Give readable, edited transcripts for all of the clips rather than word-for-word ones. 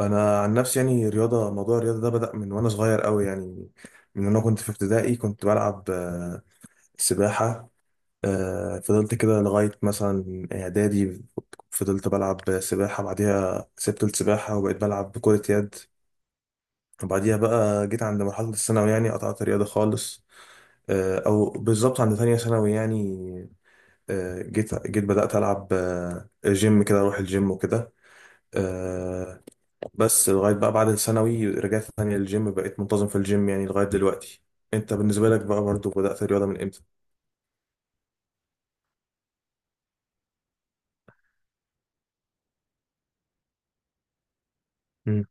انا عن نفسي يعني رياضه، موضوع الرياضه ده بدا من وانا صغير قوي يعني. من وانا كنت في ابتدائي كنت بلعب سباحه. فضلت كده لغايه مثلا اعدادي. فضلت بلعب سباحه، بعديها سبت السباحه وبقيت بلعب كره يد. وبعديها بقى جيت عند مرحله الثانوي يعني قطعت الرياضه خالص. او بالظبط عند ثانيه ثانوي يعني. جيت بدات العب جيم كده اروح الجيم وكده. آه، بس لغاية بقى بعد الثانوي رجعت تاني للجيم، بقيت منتظم في الجيم يعني لغاية دلوقتي. انت بالنسبة لك بقى برضو بدأت الرياضة من امتى؟ مم.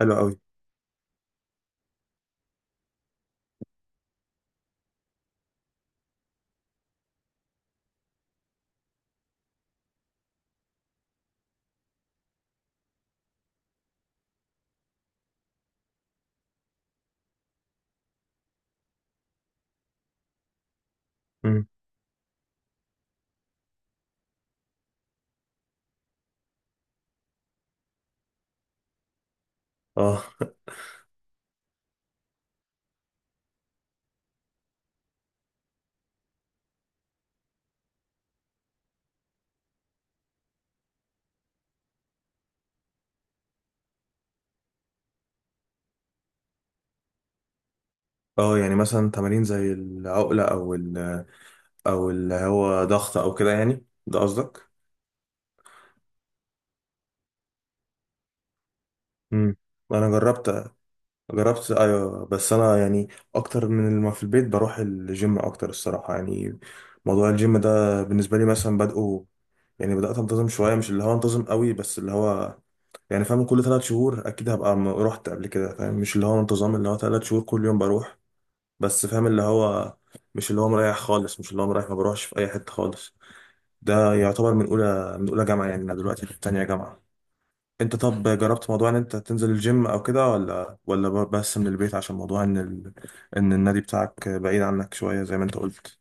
حلو قوي. مم. اه. اه يعني مثلا تمارين زي العقلة او اللي هو ضغط او كده يعني، ده قصدك؟ مم. انا جربت ايوه، بس انا يعني اكتر من ما في البيت بروح الجيم اكتر الصراحه يعني. موضوع الجيم ده بالنسبه لي مثلا بدأه، يعني بدأت انتظم شويه، مش اللي هو انتظم قوي، بس اللي هو يعني فاهم، كل ثلاث شهور اكيد هبقى رحت قبل كده فاهم، مش اللي هو انتظام اللي هو ثلاث شهور كل يوم بروح. بس فاهم اللي هو مش اللي هو مريح خالص، مش اللي هو مريح ما بروحش في اي حته خالص. ده يعتبر من اولى جامعه يعني، انا دلوقتي في تانية جامعه. انت طب جربت موضوع ان انت تنزل الجيم او كده ولا بس من البيت، عشان موضوع ان ان النادي بتاعك بعيد عنك شويه زي ما انت قلت.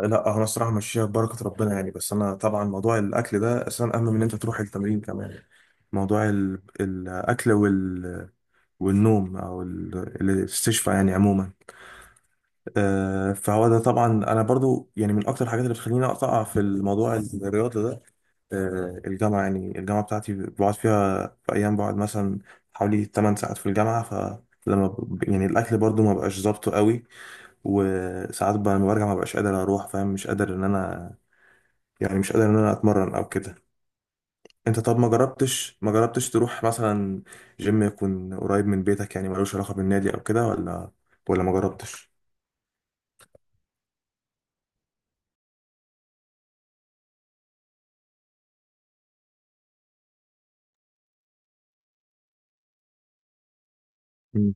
لا هو انا الصراحه ماشيه ببركه ربنا يعني، بس انا طبعا موضوع الاكل ده اساسا اهم من ان انت تروح التمرين كمان. موضوع الاكل وال، والنوم او الاستشفاء يعني عموما. فهو ده طبعا انا برضو يعني من اكتر الحاجات اللي بتخليني اقطع في الموضوع الرياضه ده. الجامعه يعني الجامعه بتاعتي بقعد فيها في ايام، بقعد مثلا حوالي 8 ساعات في الجامعه، ف لما يعني الاكل برضو ما بقاش ظابطه قوي. وساعات بقى لما برجع ما بقاش قادر اروح فاهم، مش قادر ان انا يعني مش قادر ان انا اتمرن او كده. انت طب ما جربتش تروح مثلا جيم يكون قريب من بيتك، يعني ملوش علاقة بالنادي او كده، ولا ولا ما جربتش؟ مم.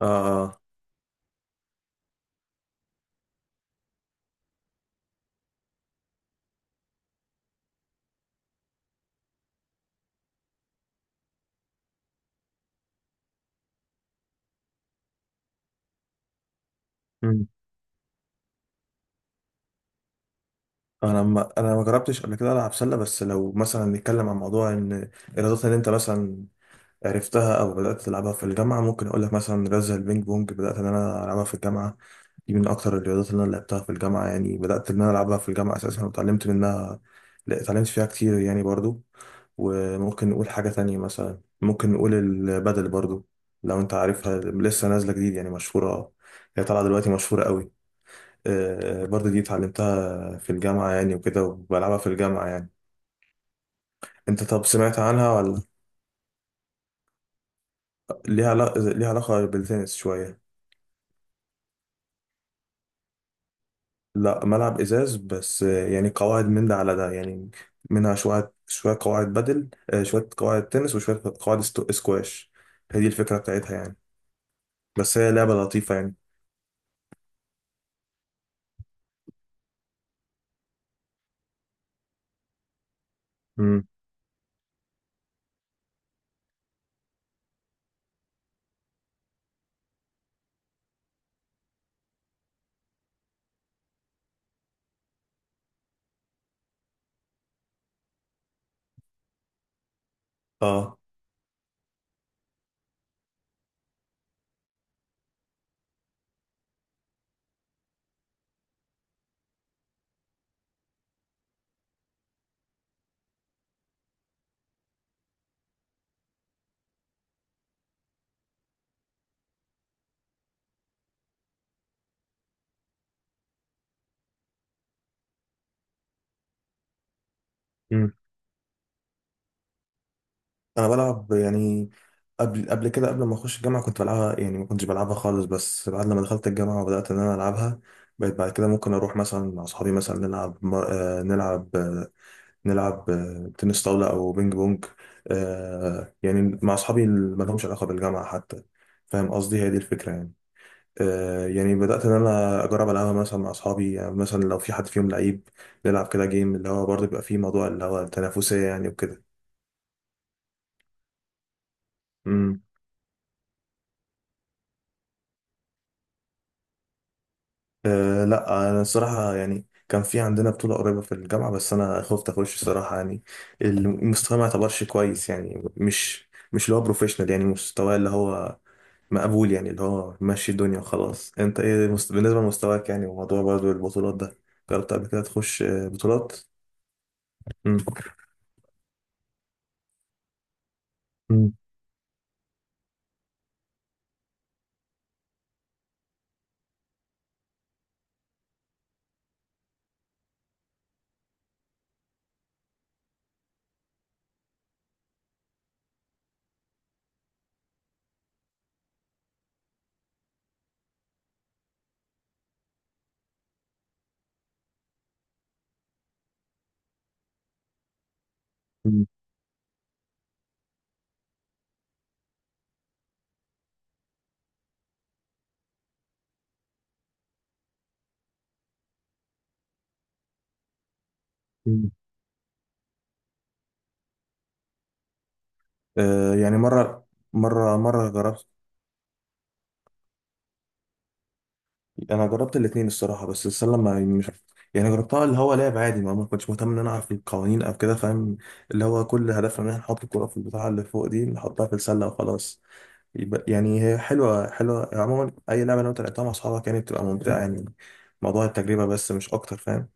اه. آه. مم. انا ما جربتش قبل كده العب سله، بس لو مثلا نتكلم عن موضوع ان الرياضات اللي انت مثلا عرفتها او بدات تلعبها في الجامعه، ممكن اقول لك مثلا رياضه زي البينج بونج، بدات ان انا العبها في الجامعه. دي من اكتر الرياضات اللي انا لعبتها في الجامعه يعني، بدات ان انا العبها في الجامعه اساسا وتعلمت منها. لا اتعلمت فيها كتير يعني برضو. وممكن نقول حاجة تانية مثلا، ممكن نقول البدل برضو، لو انت عارفها لسه نازلة جديد يعني مشهورة. هي طالعة دلوقتي مشهورة قوي. برضو دي اتعلمتها في الجامعة يعني وكده وبلعبها في الجامعة يعني. انت طب سمعت عنها ولا؟ ليها علاقة بالتنس شوية. لا ملعب ازاز بس، يعني قواعد من ده على ده يعني، منها شوية شوية قواعد بدل، شوية قواعد تنس وشوية قواعد سكواش. هي دي الفكرة بتاعتها يعني. بس هي لعبة لطيفة يعني. امم. اه. انا بلعب يعني قبل كده قبل ما اخش الجامعه كنت بلعبها يعني، ما كنتش بلعبها خالص، بس بعد لما دخلت الجامعه وبدات ان انا العبها بقيت بعد كده ممكن اروح مثلا مع اصحابي مثلا نلعب م- آه، نلعب آه، نلعب آه، تنس طاوله او بينج بونج. يعني مع اصحابي اللي ما لهمش علاقه بالجامعه حتى، فاهم قصدي، هي دي الفكره يعني. يعني بدات ان انا اجرب العبها مثلا مع اصحابي، يعني مثلا لو في حد فيهم لعيب نلعب كده جيم، اللي هو برضه بيبقى فيه موضوع اللي هو التنافسيه يعني وكده. أه لا، انا الصراحه يعني كان في عندنا بطوله قريبه في الجامعه بس انا خفت اخش الصراحه يعني، المستوى ما يعتبرش كويس يعني، مش اللي هو بروفيشنال يعني، مستوى اللي هو مقبول يعني، اللي هو ماشي الدنيا وخلاص. انت ايه بالنسبه لمستواك يعني، وموضوع برضه البطولات ده، جربت قبل كده تخش بطولات؟ مم. مم. مم. مم. أه يعني مره، مره جربت. انا جربت الاتنين الصراحه، بس السله ما يعني مش، يعني جربتها اللي هو لعب عادي، ما كنتش مهتم ان انا اعرف القوانين او كده فاهم، اللي هو كل هدفنا ان احنا نحط الكره في البتاعه اللي فوق دي نحطها في السله وخلاص. يبقى يعني هي حلوه حلوه عموما، اي لعبه لو انت لعبتها مع اصحابك يعني بتبقى ممتعه يعني، موضوع التجربه بس مش اكتر فاهم.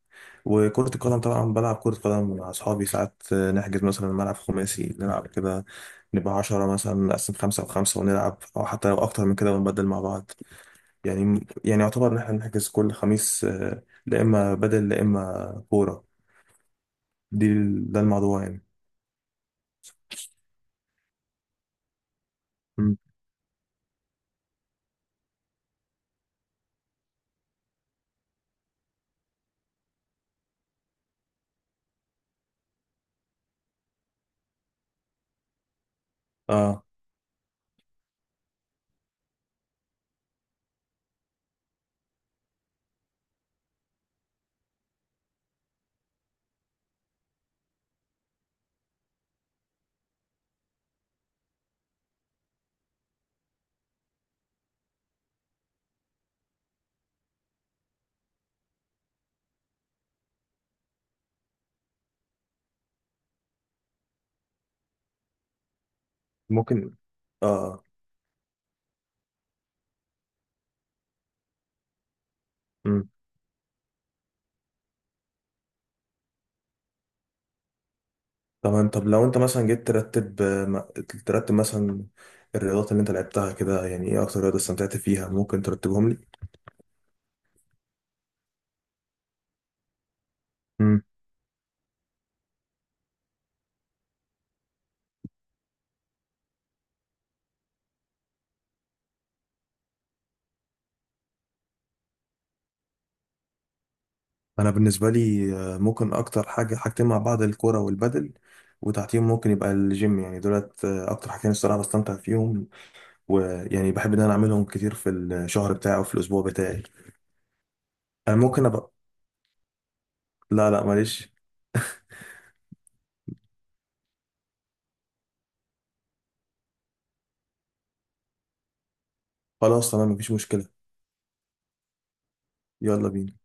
وكرة القدم طبعا بلعب كرة قدم مع أصحابي ساعات، نحجز مثلا ملعب خماسي نلعب كده، نبقى 10 مثلا نقسم خمسة وخمسة ونلعب، أو حتى لو أكتر من كده ونبدل مع بعض. يعني يعتبر ان احنا بنحجز كل خميس، لا اما بدل لا اما كوره. ده الموضوع يعني. مم. اه. ممكن. اه. مم. طب لو انت مثلا جيت ترتب مثلا الرياضات اللي انت لعبتها كده يعني، ايه اكتر رياضه استمتعت فيها، ممكن ترتبهم لي؟ مم. انا بالنسبه لي ممكن اكتر حاجه، حاجتين مع بعض، الكوره والبدل، وتحتيهم ممكن يبقى الجيم يعني. دولت اكتر حاجتين الصراحه بستمتع فيهم، ويعني بحب ان انا اعملهم كتير في الشهر بتاعي او في الاسبوع بتاعي. انا ممكن ابقى. لا لا معلش. خلاص تمام مفيش مشكله. يلا بينا.